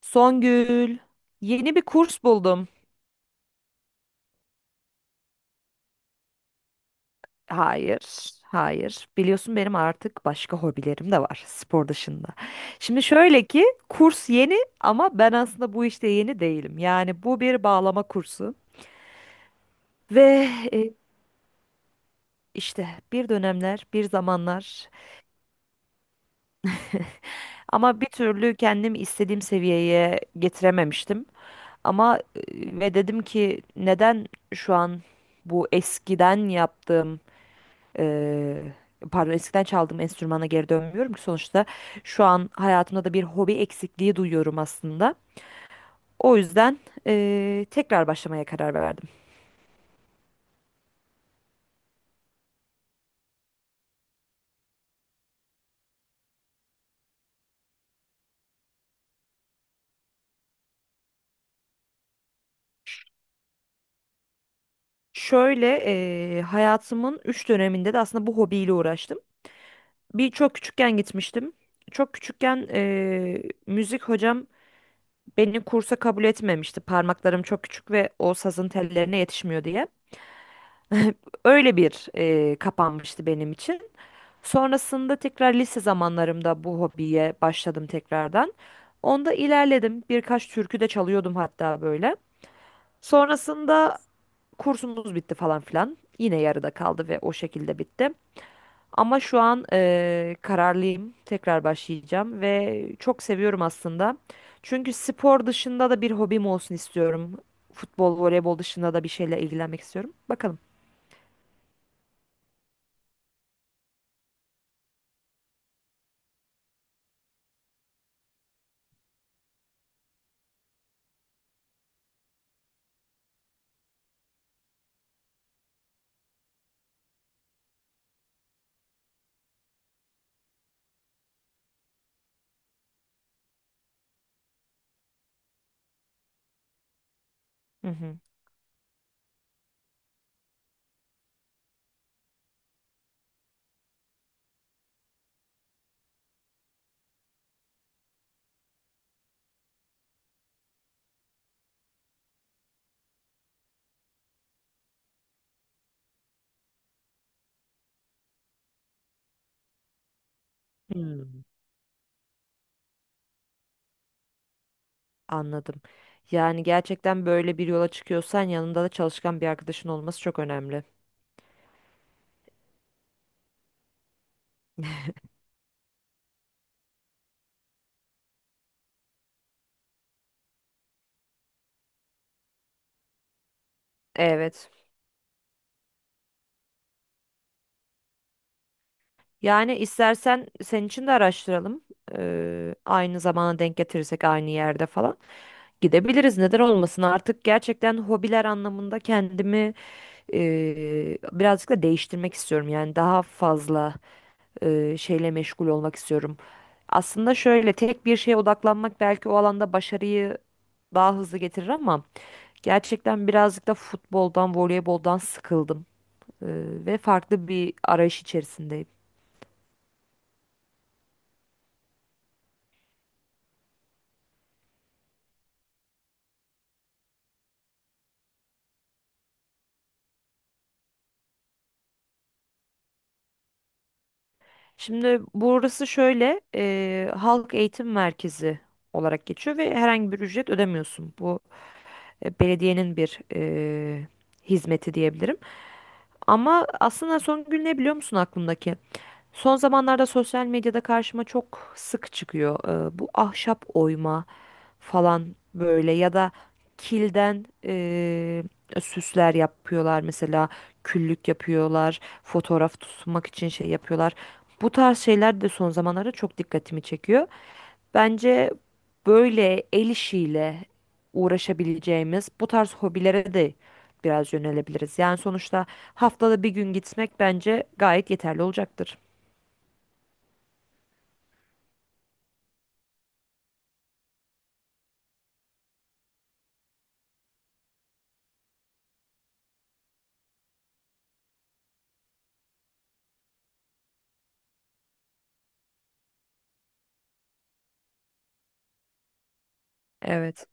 Songül, yeni bir kurs buldum. Hayır, hayır. Biliyorsun benim artık başka hobilerim de var spor dışında. Şimdi şöyle ki kurs yeni ama ben aslında bu işte yeni değilim. Yani bu bir bağlama kursu ve işte bir dönemler, bir zamanlar ama bir türlü kendimi istediğim seviyeye getirememiştim. Ama e, Ve dedim ki neden şu an bu eskiden yaptığım Eee, pardon eskiden çaldığım enstrümana geri dönmüyorum ki sonuçta şu an hayatımda da bir hobi eksikliği duyuyorum aslında. O yüzden tekrar başlamaya karar verdim. Şöyle, hayatımın 3 döneminde de aslında bu hobiyle uğraştım. Bir çok küçükken gitmiştim. Çok küçükken müzik hocam beni kursa kabul etmemişti. Parmaklarım çok küçük ve o sazın tellerine yetişmiyor diye. Öyle bir, kapanmıştı benim için. Sonrasında tekrar lise zamanlarımda bu hobiye başladım tekrardan. Onda ilerledim. Birkaç türkü de çalıyordum hatta böyle. Sonrasında kursumuz bitti falan filan. Yine yarıda kaldı ve o şekilde bitti. Ama şu an, kararlıyım. Tekrar başlayacağım ve çok seviyorum aslında. Çünkü spor dışında da bir hobim olsun istiyorum. Futbol, voleybol dışında da bir şeyle ilgilenmek istiyorum. Bakalım. Hı hı. Hmm. Anladım. Yani gerçekten böyle bir yola çıkıyorsan yanında da çalışkan bir arkadaşın olması çok önemli. Evet. Yani istersen senin için de araştıralım. Aynı zamana denk getirirsek aynı yerde falan gidebiliriz. Neden olmasın? Artık gerçekten hobiler anlamında kendimi birazcık da değiştirmek istiyorum. Yani daha fazla şeyle meşgul olmak istiyorum. Aslında şöyle tek bir şeye odaklanmak belki o alanda başarıyı daha hızlı getirir ama. Gerçekten birazcık da futboldan, voleyboldan sıkıldım e, ve farklı bir arayış içerisindeyim. Şimdi burası şöyle, halk eğitim merkezi olarak geçiyor ve herhangi bir ücret ödemiyorsun. Bu, belediyenin bir hizmeti diyebilirim. Ama aslında son gün ne biliyor musun aklımdaki? Son zamanlarda sosyal medyada karşıma çok sık çıkıyor. Bu ahşap oyma falan böyle ya da kilden, süsler yapıyorlar mesela küllük yapıyorlar fotoğraf tutmak için şey yapıyorlar. Bu tarz şeyler de son zamanlarda çok dikkatimi çekiyor. Bence böyle el işiyle uğraşabileceğimiz bu tarz hobilere de biraz yönelebiliriz. Yani sonuçta haftada bir gün gitmek bence gayet yeterli olacaktır. Evet.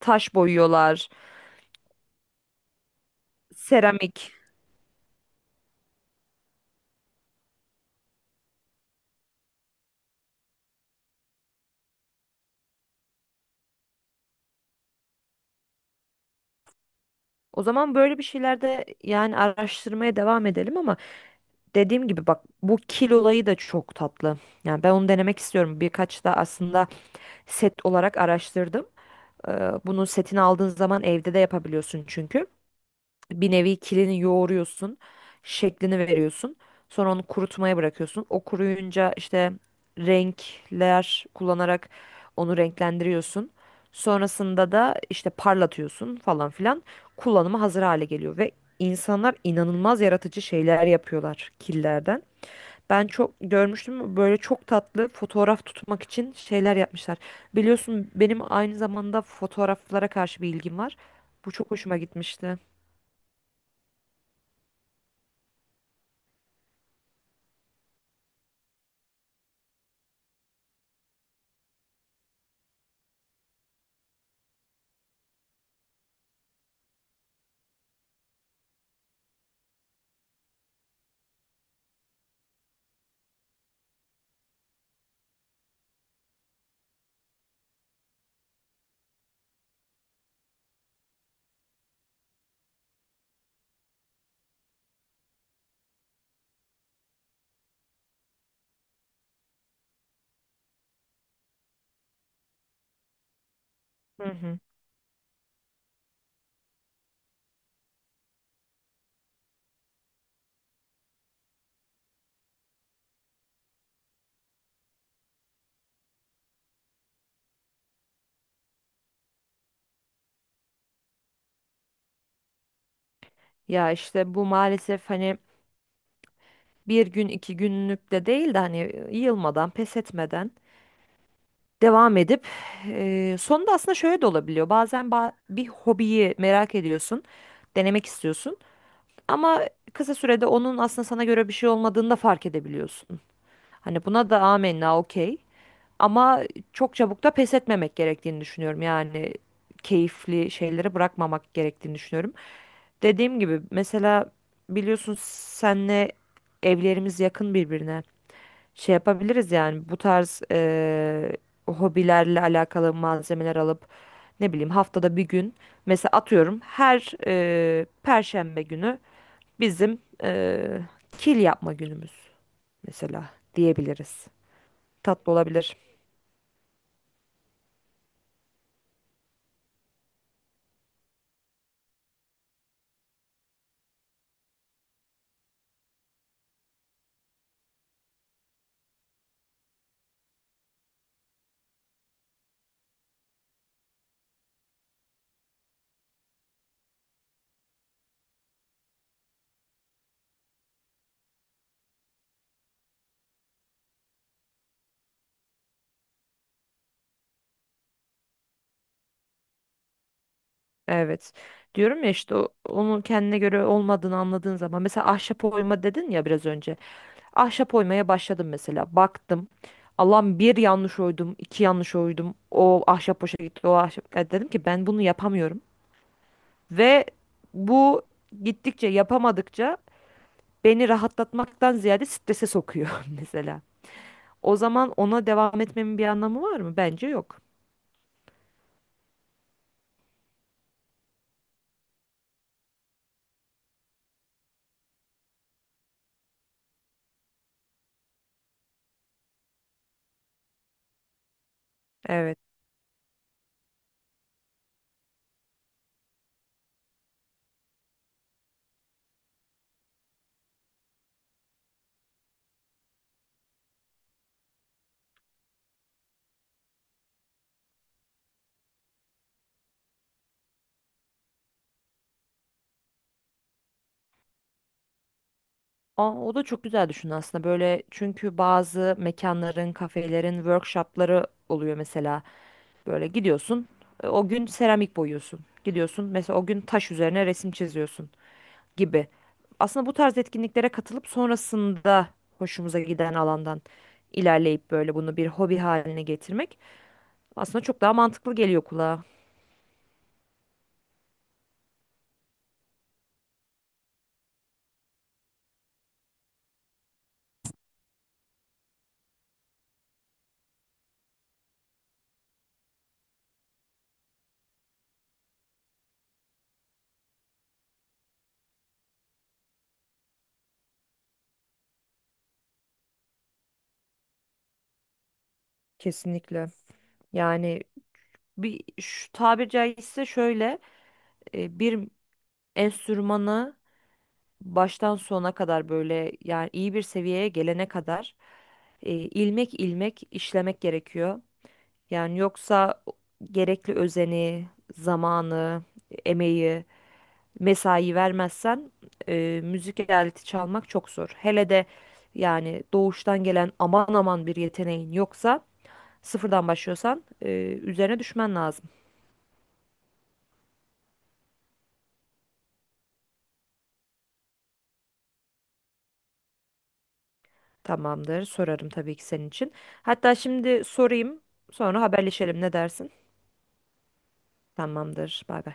Taş boyuyorlar, seramik. O zaman böyle bir şeylerde yani araştırmaya devam edelim ama dediğim gibi bak bu kil olayı da çok tatlı. Yani ben onu denemek istiyorum. Birkaç da aslında set olarak araştırdım. Bunu setini aldığın zaman evde de yapabiliyorsun çünkü bir nevi kilini yoğuruyorsun, şeklini veriyorsun. Sonra onu kurutmaya bırakıyorsun. O kuruyunca işte renkler kullanarak onu renklendiriyorsun. Sonrasında da işte parlatıyorsun falan filan. Kullanıma hazır hale geliyor ve insanlar inanılmaz yaratıcı şeyler yapıyorlar killerden. Ben çok görmüştüm böyle çok tatlı fotoğraf tutmak için şeyler yapmışlar. Biliyorsun benim aynı zamanda fotoğraflara karşı bir ilgim var. Bu çok hoşuma gitmişti. Hı hı. Ya işte bu maalesef hani bir gün iki günlük de değil de hani yılmadan pes etmeden devam edip sonunda aslında şöyle de olabiliyor. Bazen bir hobiyi merak ediyorsun, denemek istiyorsun ama kısa sürede onun aslında sana göre bir şey olmadığını da fark edebiliyorsun. Hani buna da amenna okey ama çok çabuk da pes etmemek gerektiğini düşünüyorum. Yani keyifli şeyleri bırakmamak gerektiğini düşünüyorum. Dediğim gibi mesela biliyorsun senle evlerimiz yakın birbirine. Şey yapabiliriz yani bu tarz hobilerle alakalı malzemeler alıp ne bileyim haftada bir gün mesela atıyorum her Perşembe günü bizim kil yapma günümüz mesela diyebiliriz. Tatlı olabilir. Evet. Diyorum ya işte onun kendine göre olmadığını anladığın zaman mesela ahşap oyma dedin ya biraz önce. Ahşap oymaya başladım mesela. Baktım. Allah'ım bir yanlış oydum, iki yanlış oydum. O ahşap boşa gitti, o ahşap. Ya dedim ki ben bunu yapamıyorum. Ve bu gittikçe yapamadıkça beni rahatlatmaktan ziyade strese sokuyor mesela. O zaman ona devam etmemin bir anlamı var mı? Bence yok. Evet. Aa, o da çok güzel düşün aslında böyle çünkü bazı mekanların, kafelerin workshopları oluyor mesela. Böyle gidiyorsun. O gün seramik boyuyorsun. Gidiyorsun mesela o gün taş üzerine resim çiziyorsun gibi. Aslında bu tarz etkinliklere katılıp sonrasında hoşumuza giden alandan ilerleyip böyle bunu bir hobi haline getirmek aslında çok daha mantıklı geliyor kulağa. Kesinlikle. Yani bir şu tabir caizse şöyle, bir enstrümanı baştan sona kadar böyle yani iyi bir seviyeye gelene kadar ilmek ilmek işlemek gerekiyor. Yani yoksa gerekli özeni, zamanı, emeği, mesai vermezsen müzik aleti çalmak çok zor. Hele de yani doğuştan gelen aman aman bir yeteneğin yoksa sıfırdan başlıyorsan, üzerine düşmen lazım. Tamamdır, sorarım tabii ki senin için. Hatta şimdi sorayım, sonra haberleşelim ne dersin? Tamamdır, bay bay.